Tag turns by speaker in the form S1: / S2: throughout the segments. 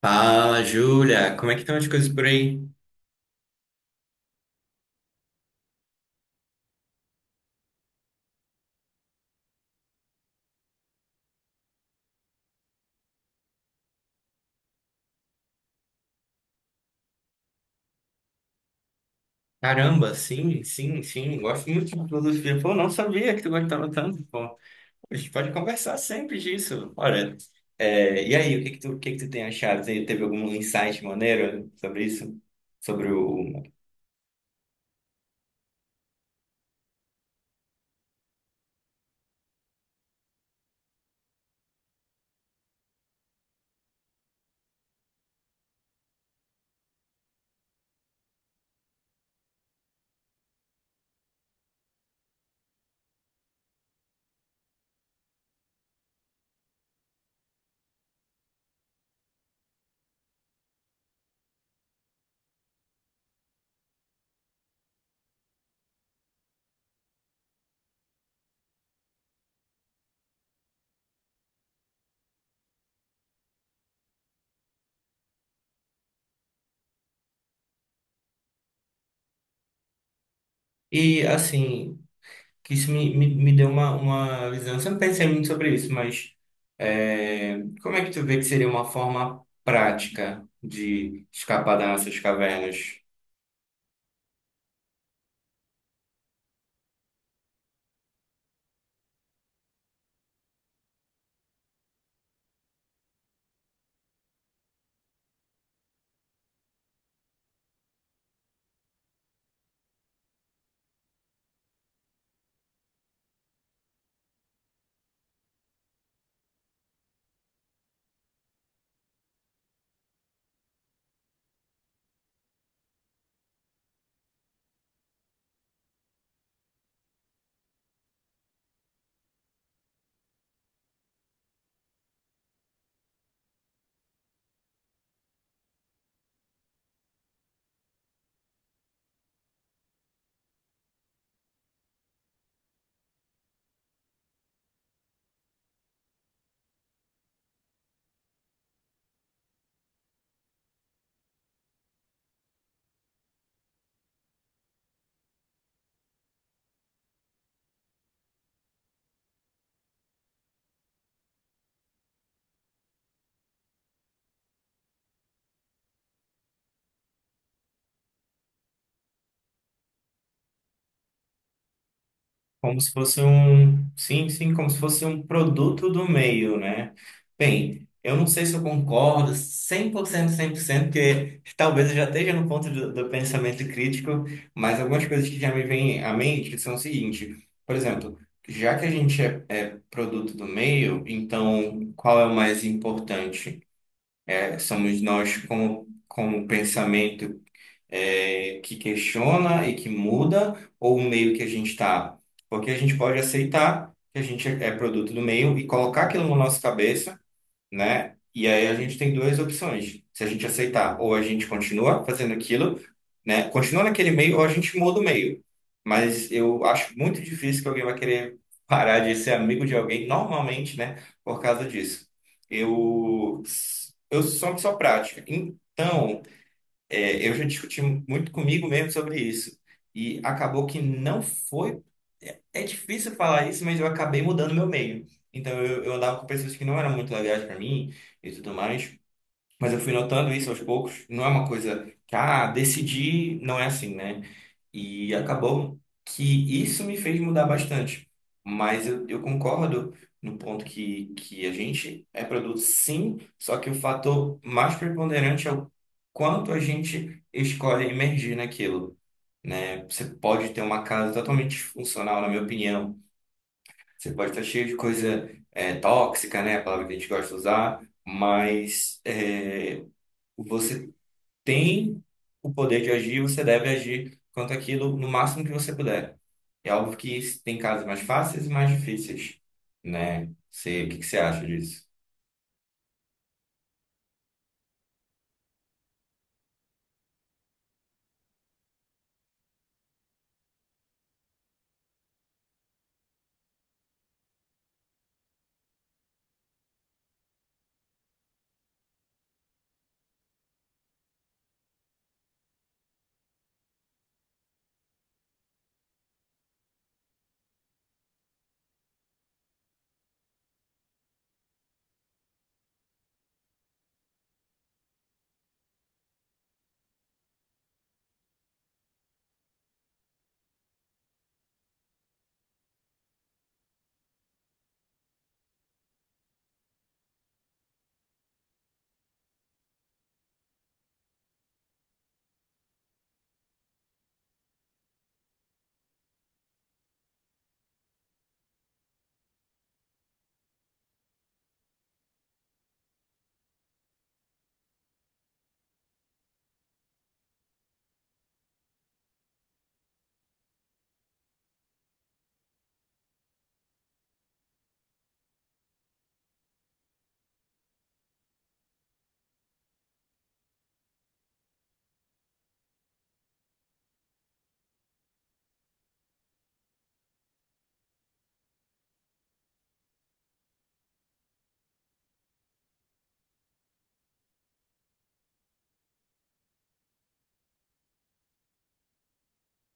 S1: Fala, Júlia, como é que estão as coisas por aí? Caramba, sim, sim, sim, gosto muito de filosofia. Pô, não sabia que tu gostava tanto, pô. A gente pode conversar sempre disso. Olha, e aí, o que que tu tem achado? Teve algum insight maneiro sobre isso? Sobre o... E, assim, que isso me deu uma visão. Eu sempre pensei muito sobre isso, mas como é que tu vê que seria uma forma prática de escapar das nossas cavernas? Como se fosse um, sim, sim, como se fosse um produto do meio, né? Bem, eu não sei se eu concordo cem cem por cento cem por cento, porque talvez eu já esteja no ponto do pensamento crítico, mas algumas coisas que já me vêm à mente são o seguinte. Por exemplo, já que a gente é produto do meio, então qual é o mais importante? É, somos nós como, como pensamento que questiona e que muda, ou o meio que a gente está? Porque a gente pode aceitar que a gente é produto do meio e colocar aquilo na nossa cabeça, né? E aí a gente tem duas opções: se a gente aceitar, ou a gente continua fazendo aquilo, né, continua naquele meio, ou a gente muda o meio. Mas eu acho muito difícil que alguém vai querer parar de ser amigo de alguém, normalmente, né? Por causa disso. Eu, eu sou uma pessoa prática. Então, eu já discuti muito comigo mesmo sobre isso. E acabou que não foi. É difícil falar isso, mas eu acabei mudando meu meio. Então eu andava com pessoas que não eram muito legais para mim e tudo mais. Mas eu fui notando isso aos poucos. Não é uma coisa que, ah, decidi, não é assim, né? E acabou que isso me fez mudar bastante. Mas eu concordo no ponto que a gente é produto, sim, só que o fator mais preponderante é o quanto a gente escolhe emergir naquilo, né? Você pode ter uma casa totalmente disfuncional, na minha opinião. Você pode estar cheio de coisa tóxica, né? A palavra que a gente gosta de usar, mas você tem o poder de agir, você deve agir quanto aquilo no máximo que você puder. É óbvio que tem casos mais fáceis e mais difíceis, né? Você, o que que você acha disso?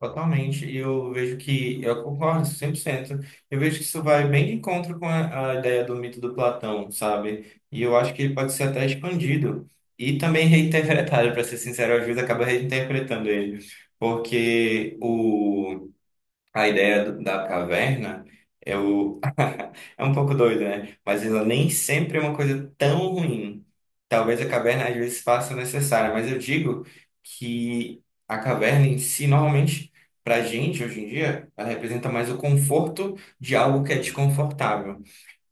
S1: Totalmente, e eu vejo que, eu concordo 100%. Eu vejo que isso vai bem de encontro com a ideia do mito do Platão, sabe? E eu acho que ele pode ser até expandido e também reinterpretado. Para ser sincero, às vezes acaba reinterpretando ele, porque o a da caverna é o... é um pouco doida, né? Mas ela nem sempre é uma coisa tão ruim. Talvez a caverna às vezes faça necessária, mas eu digo que a caverna em si, normalmente, para gente hoje em dia, ela representa mais o conforto de algo que é desconfortável.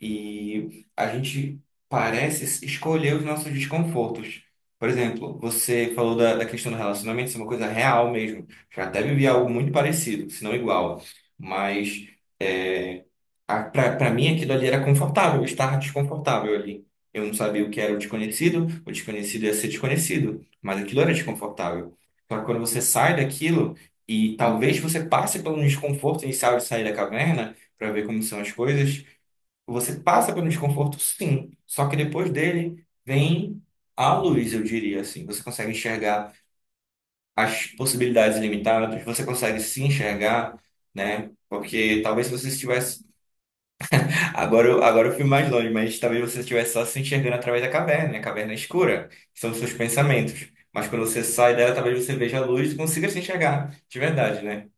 S1: E a gente parece escolher os nossos desconfortos. Por exemplo, você falou da questão do relacionamento, isso é uma coisa real mesmo. Já até vivi algo muito parecido, se não igual. Mas é, para mim aquilo ali era confortável, eu estava desconfortável ali. Eu não sabia o que era o desconhecido ia ser desconhecido, mas aquilo era desconfortável. Só que quando você sai daquilo, e talvez você passe pelo desconforto inicial de sair da caverna, para ver como são as coisas. Você passa pelo desconforto, sim, só que depois dele vem a luz, eu diria assim. Você consegue enxergar as possibilidades ilimitadas, você consegue se enxergar, né? Porque talvez se você estivesse. Agora eu fui mais longe, mas talvez você estivesse só se enxergando através da caverna, né? A caverna é escura, que são os seus pensamentos. Mas quando você sai dela, talvez você veja a luz e consiga se enxergar, de verdade, né?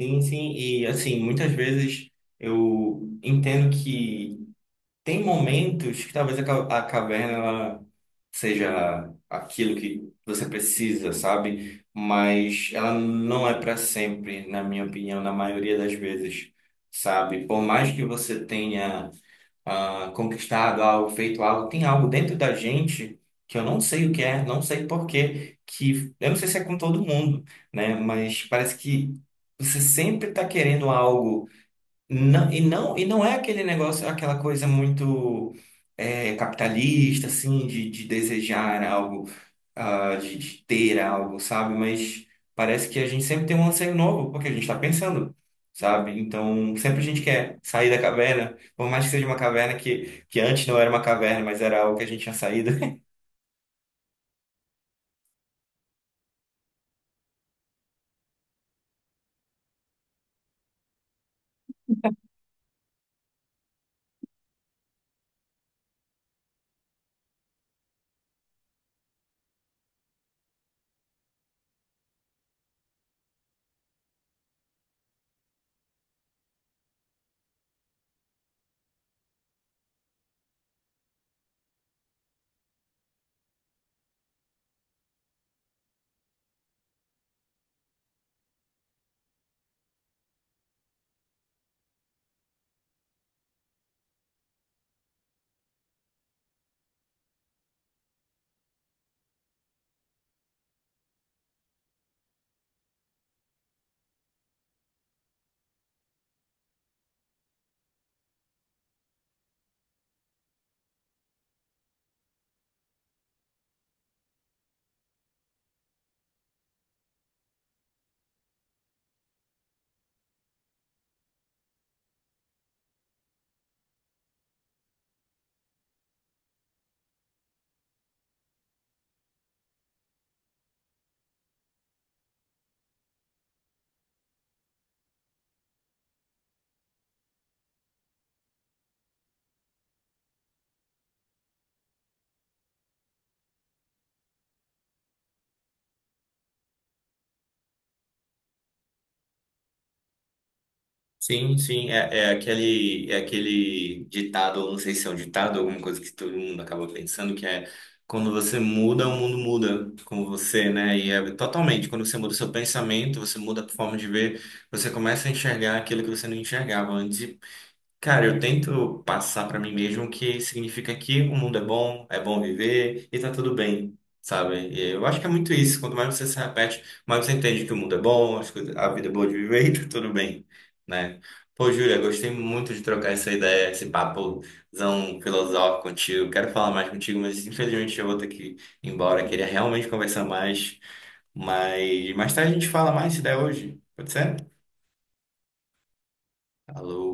S1: Sim, sim, e assim, muitas vezes eu entendo que. Tem momentos que talvez a caverna ela seja aquilo que você precisa, sabe? Mas ela não é para sempre, na minha opinião, na maioria das vezes, sabe? Por mais que você tenha ah, conquistado algo, feito algo, tem algo dentro da gente que eu não sei o que é, não sei por quê, que eu não sei se é com todo mundo, né? Mas parece que você sempre está querendo algo não, e não é aquele negócio, aquela coisa muito capitalista, assim, de desejar algo, ah, de ter algo, sabe? Mas parece que a gente sempre tem um anseio novo, porque a gente está pensando, sabe? Então, sempre a gente quer sair da caverna, por mais que seja uma caverna que antes não era uma caverna, mas era algo que a gente tinha saído. Sim, sim, é aquele ditado, ou não sei se é um ditado, alguma coisa que todo mundo acaba pensando, que é quando você muda, o mundo muda com você, né? E é totalmente, quando você muda o seu pensamento, você muda a forma de ver, você começa a enxergar aquilo que você não enxergava antes. Cara, eu tento passar pra mim mesmo que significa que o mundo é bom viver e tá tudo bem, sabe? E eu acho que é muito isso. Quanto mais você se repete, mais você entende que o mundo é bom, a vida é boa de viver e tá tudo bem, né? Pô, Júlia, gostei muito de trocar essa ideia, esse papozão filosófico contigo. Quero falar mais contigo, mas infelizmente eu vou ter que ir embora. Queria realmente conversar mais, mas mais tarde a gente fala mais se der hoje. Pode ser? Alô.